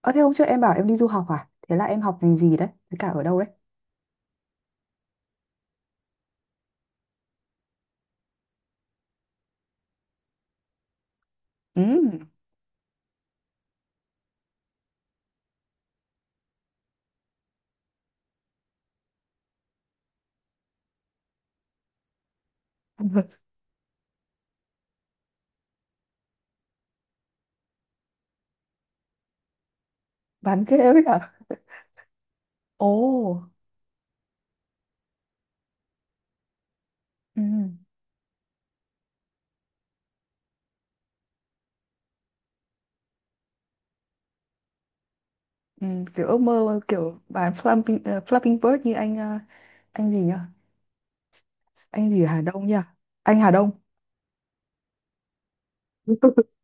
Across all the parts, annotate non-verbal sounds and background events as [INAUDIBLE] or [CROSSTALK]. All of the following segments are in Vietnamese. Ờ thế hôm trước em bảo em đi du học à? Thế là em học ngành gì đấy? Với cả ở đâu đấy? Ừ, bán ghế với cả... [LAUGHS] Ồ, ừ, ừ, kiểu ước mơ kiểu bán Flapping, Flapping Bird như anh anh gì nhỉ? Anh gì ở Hà Đông nhỉ? Anh Hà Đông. [LAUGHS]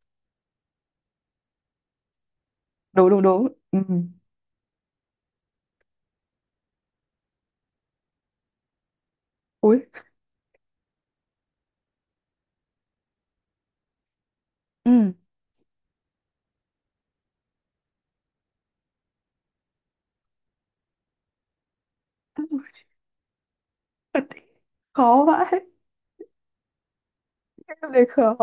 Đúng đúng đúng. Ừ. Ui. Ừ. [LAUGHS] Thật khó vãi. Em thấy khó,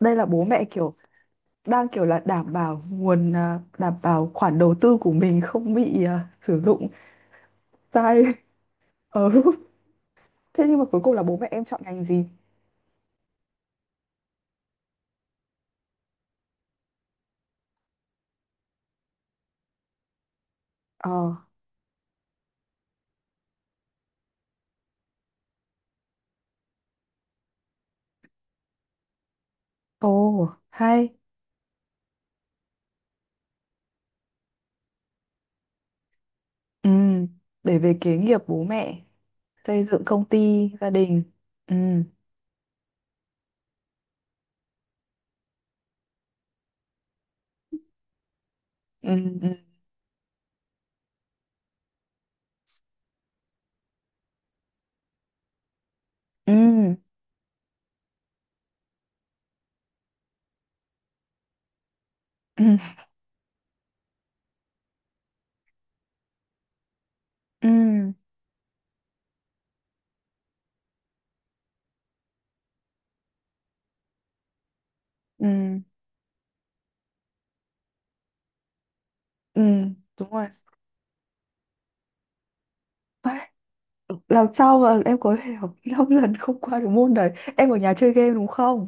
đây là bố mẹ kiểu đang kiểu là đảm bảo nguồn, à, đảm bảo khoản đầu tư của mình không bị, à, sử dụng sai. [LAUGHS] Ừ. Thế nhưng mà cuối cùng là bố mẹ em chọn ngành gì? Ờ, ồ, hay. Ừ, để về kế nghiệp bố mẹ, xây dựng công ty, gia đình. Ừ, ừ, ừ, ừ, ừ, ừ, ừ, ừ, đúng rồi. Phải, làm sao mà em có thể học 5 lần không qua được môn đấy? Em ở nhà chơi game đúng không?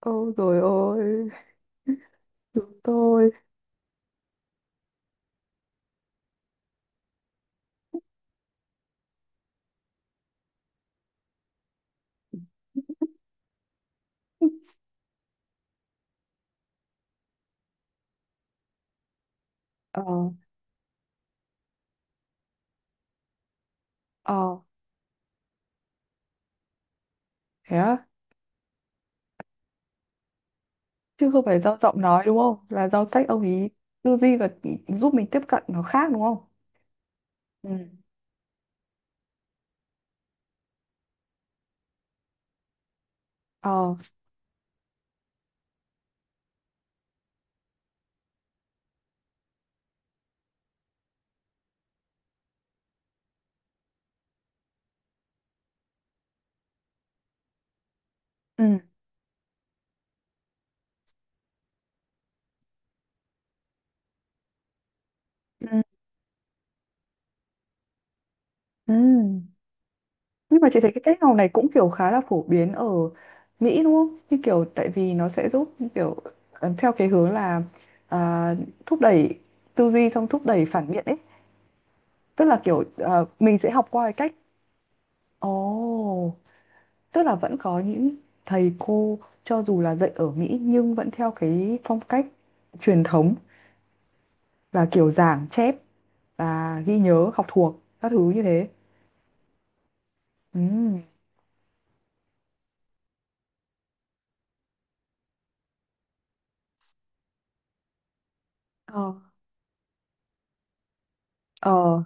Ôi rồi ôi, chúng tôi. Ờ, ờ, thế á? Chứ không phải do giọng nói đúng không? Là do cách ông ý tư duy và giúp mình tiếp cận nó khác đúng không? Ừ. Ờ. Ừ. Ừ. Ừ. Nhưng mà chị thấy cái cách học này cũng kiểu khá là phổ biến ở Mỹ đúng không? Như kiểu tại vì nó sẽ giúp kiểu theo cái hướng là, à, thúc đẩy tư duy xong thúc đẩy phản biện ấy. Tức là kiểu mình sẽ học qua cái cách. Ồ, tức là vẫn có những thầy cô cho dù là dạy ở Mỹ nhưng vẫn theo cái phong cách truyền thống là kiểu giảng chép và ghi nhớ học thuộc các thứ như thế. Ừ. Ờ. Ờ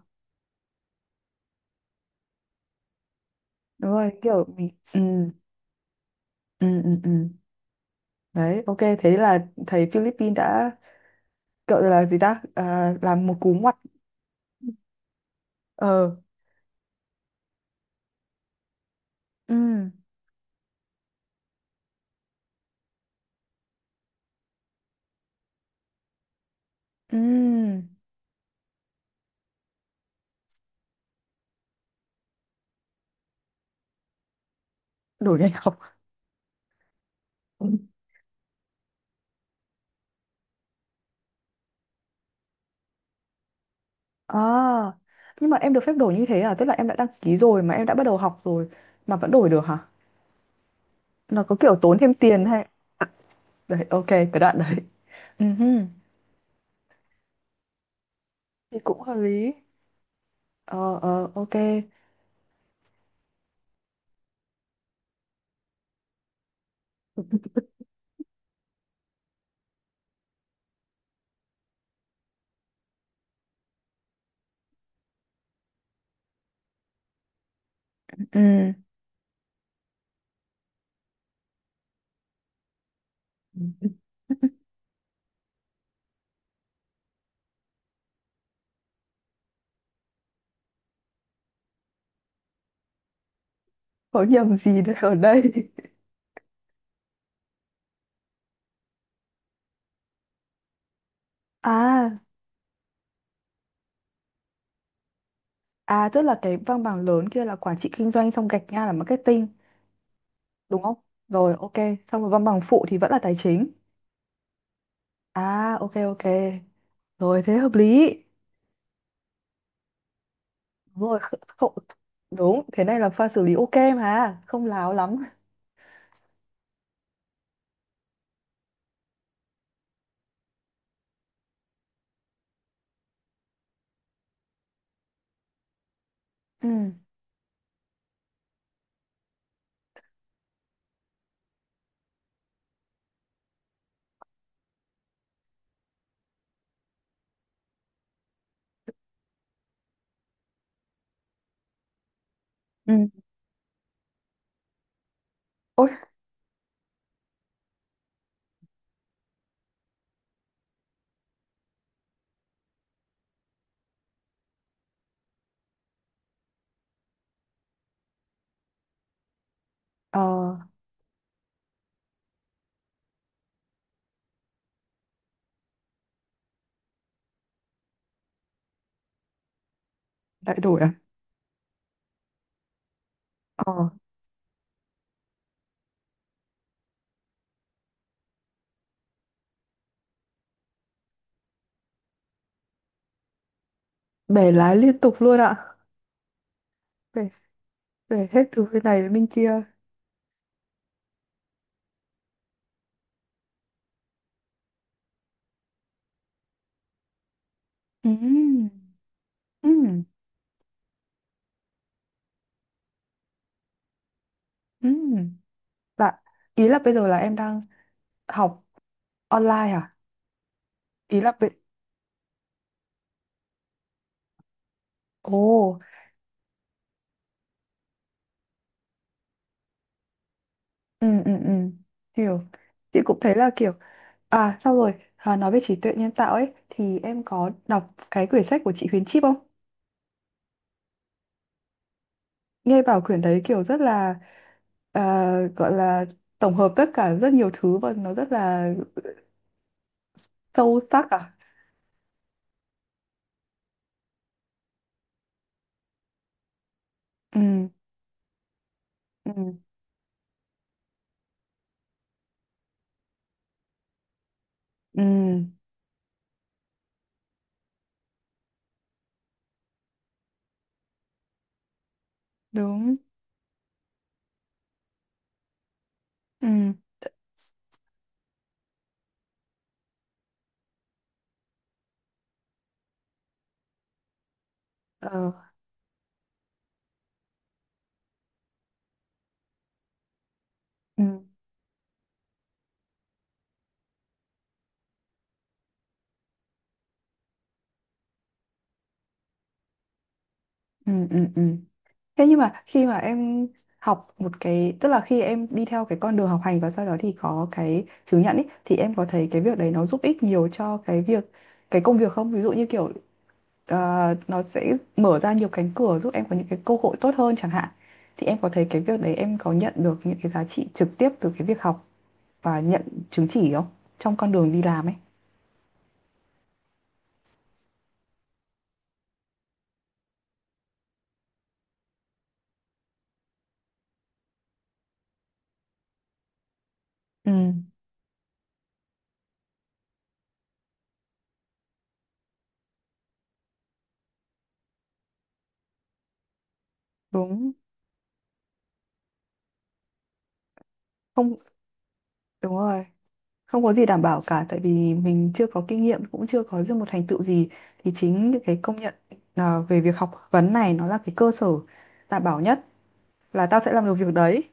đúng rồi kiểu mình, ừ, ừ, ừ, ừ, đấy ok, thế là thấy Philippines đã kiểu là gì ta, à, làm một cú ngoặt. Ờ, ừ, ừ, đổi ngành học. Ừ. À nhưng mà em được phép đổi như thế à, tức là em đã đăng ký rồi mà em đã bắt đầu học rồi mà vẫn đổi được hả? Nó có kiểu tốn thêm tiền hay. Đấy ok cái đoạn đấy. Ừ hừ. Thì cũng hợp lý. Ờ ờ ok. Ừ có nhầm gì đây ở đây. À, à tức là cái văn bằng lớn kia là quản trị kinh doanh xong gạch ngang là marketing đúng không? Rồi ok, xong rồi văn bằng phụ thì vẫn là tài chính. À ok ok. Rồi thế hợp lý. Đúng rồi, không đúng, thế này là pha xử lý ok mà, không láo lắm. Ừ. Ừ. Ôi, ờ lại đổi à? Ờ, bẻ lái liên tục luôn ạ. Bẻ, bẻ hết từ bên này đến bên kia. Ừ. Ừ. Ừ. Bạn ý là bây giờ là em đang học online à? Ý là bây- Ồ, ừ, ừ, ừ, hiểu. Chị cũng thấy là kiểu, à, xong rồi, à, nói về trí tuệ nhân tạo ấy, thì em có đọc cái quyển sách của chị Huyền Chip không? Nghe bảo quyển đấy kiểu rất là, à, gọi là tổng hợp tất cả rất nhiều thứ và nó rất là sâu sắc à? Ừ, ừ, ừ, đúng, ừ, ờ, ừ, ừ, ừ, ừ. Thế nhưng mà khi mà em học một cái, tức là khi em đi theo cái con đường học hành và sau đó thì có cái chứng nhận ý, thì em có thấy cái việc đấy nó giúp ích nhiều cho cái việc, cái công việc không? Ví dụ như kiểu ờ, nó sẽ mở ra nhiều cánh cửa giúp em có những cái cơ hội tốt hơn chẳng hạn. Thì em có thấy cái việc đấy em có nhận được những cái giá trị trực tiếp từ cái việc học và nhận chứng chỉ không? Trong con đường đi làm ấy. Ừ, đúng. Không, đúng rồi. Không có gì đảm bảo cả tại vì mình chưa có kinh nghiệm cũng chưa có được một thành tựu gì, thì chính những cái công nhận, à, về việc học vấn này nó là cái cơ sở đảm bảo nhất là tao sẽ làm được việc đấy.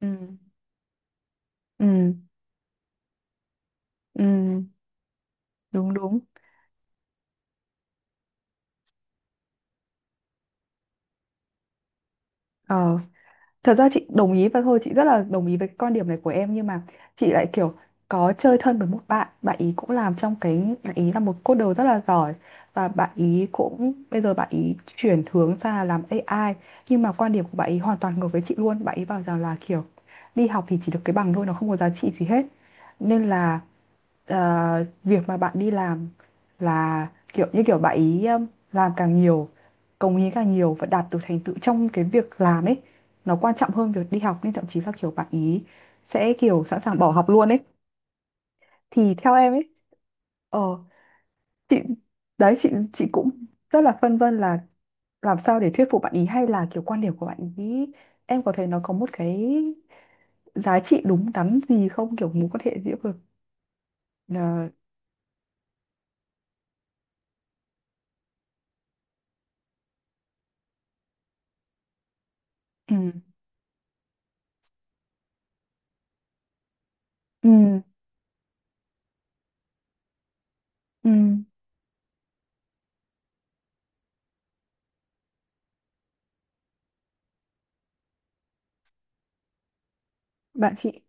Ừ, ừ, ừ, đúng đúng. Ờ, thật ra chị đồng ý và thôi chị rất là đồng ý với cái quan điểm này của em nhưng mà chị lại kiểu có chơi thân với một bạn, bạn ý cũng làm trong cái, bạn ý là một coder rất là giỏi và bạn ý cũng bây giờ bạn ý chuyển hướng ra làm AI. Nhưng mà quan điểm của bạn ý hoàn toàn ngược với chị luôn, bạn ý bảo rằng là kiểu đi học thì chỉ được cái bằng thôi, nó không có giá trị gì hết, nên là ờ, việc mà bạn đi làm là kiểu như kiểu bạn ý, làm càng nhiều, cống hiến càng nhiều và đạt được thành tựu trong cái việc làm ấy nó quan trọng hơn việc đi học, nên thậm chí là kiểu bạn ý sẽ kiểu sẵn sàng bỏ học luôn ấy. Thì theo em ấy, ờ, chị đấy chị cũng rất là phân vân là làm sao để thuyết phục bạn ý, hay là kiểu quan điểm của bạn ý em có thấy nó có một cái giá trị đúng đắn gì không, kiểu mối quan hệ giữa vực. Ờ, ừ, ừ, ừ, bạn chị.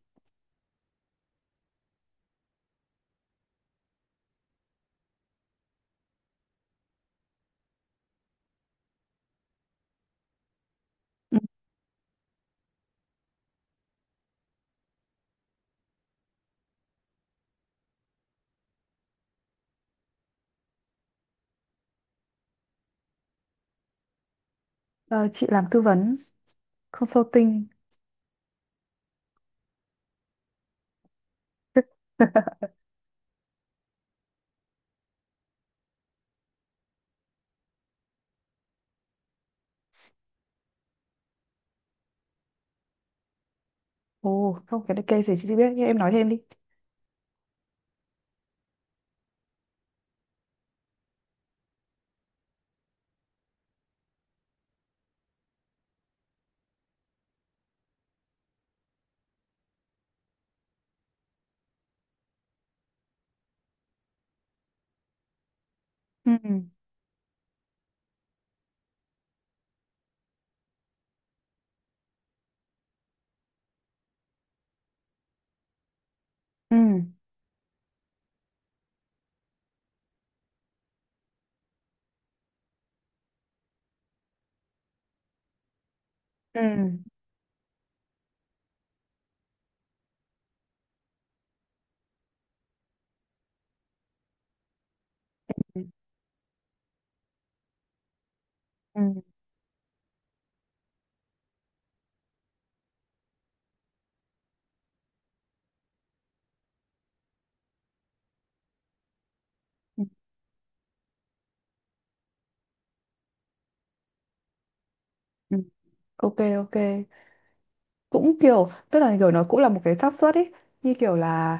Ừ, ờ, chị làm tư vấn, consulting. [LAUGHS] Ồ không cái này cây thì chị biết nhưng em nói thêm đi. Ừ, ừ, ừ, ừ, ừ, ừ, ừ. Ok ok, cũng kiểu tức là kiểu nó cũng là một cái xác suất ấy, như kiểu là,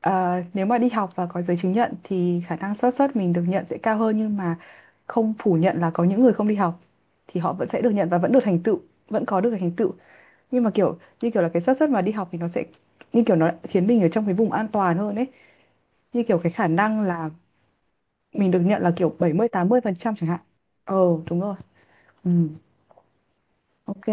ờ, nếu mà đi học và có giấy chứng nhận thì khả năng xác suất mình được nhận sẽ cao hơn, nhưng mà không phủ nhận là có những người không đi học thì họ vẫn sẽ được nhận và vẫn được thành tựu, vẫn có được thành tựu. Nhưng mà kiểu như kiểu là cái xác suất mà đi học thì nó sẽ, như kiểu nó khiến mình ở trong cái vùng an toàn hơn ấy, như kiểu cái khả năng là mình được nhận là kiểu 70, 80% chẳng hạn. Ờ đúng rồi. Ừ ok.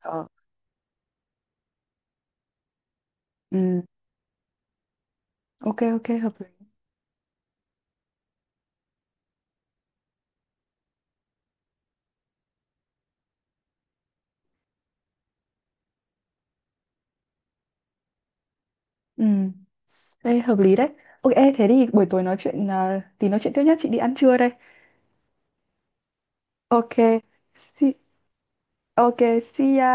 Ờ ừ. Ok ok hợp lý. Ừ đây hợp lý đấy. Ok ê, thế thì buổi tối nói chuyện, thì nói chuyện tiếp nhé, chị đi ăn trưa đây. Ok, see, ok, see ya.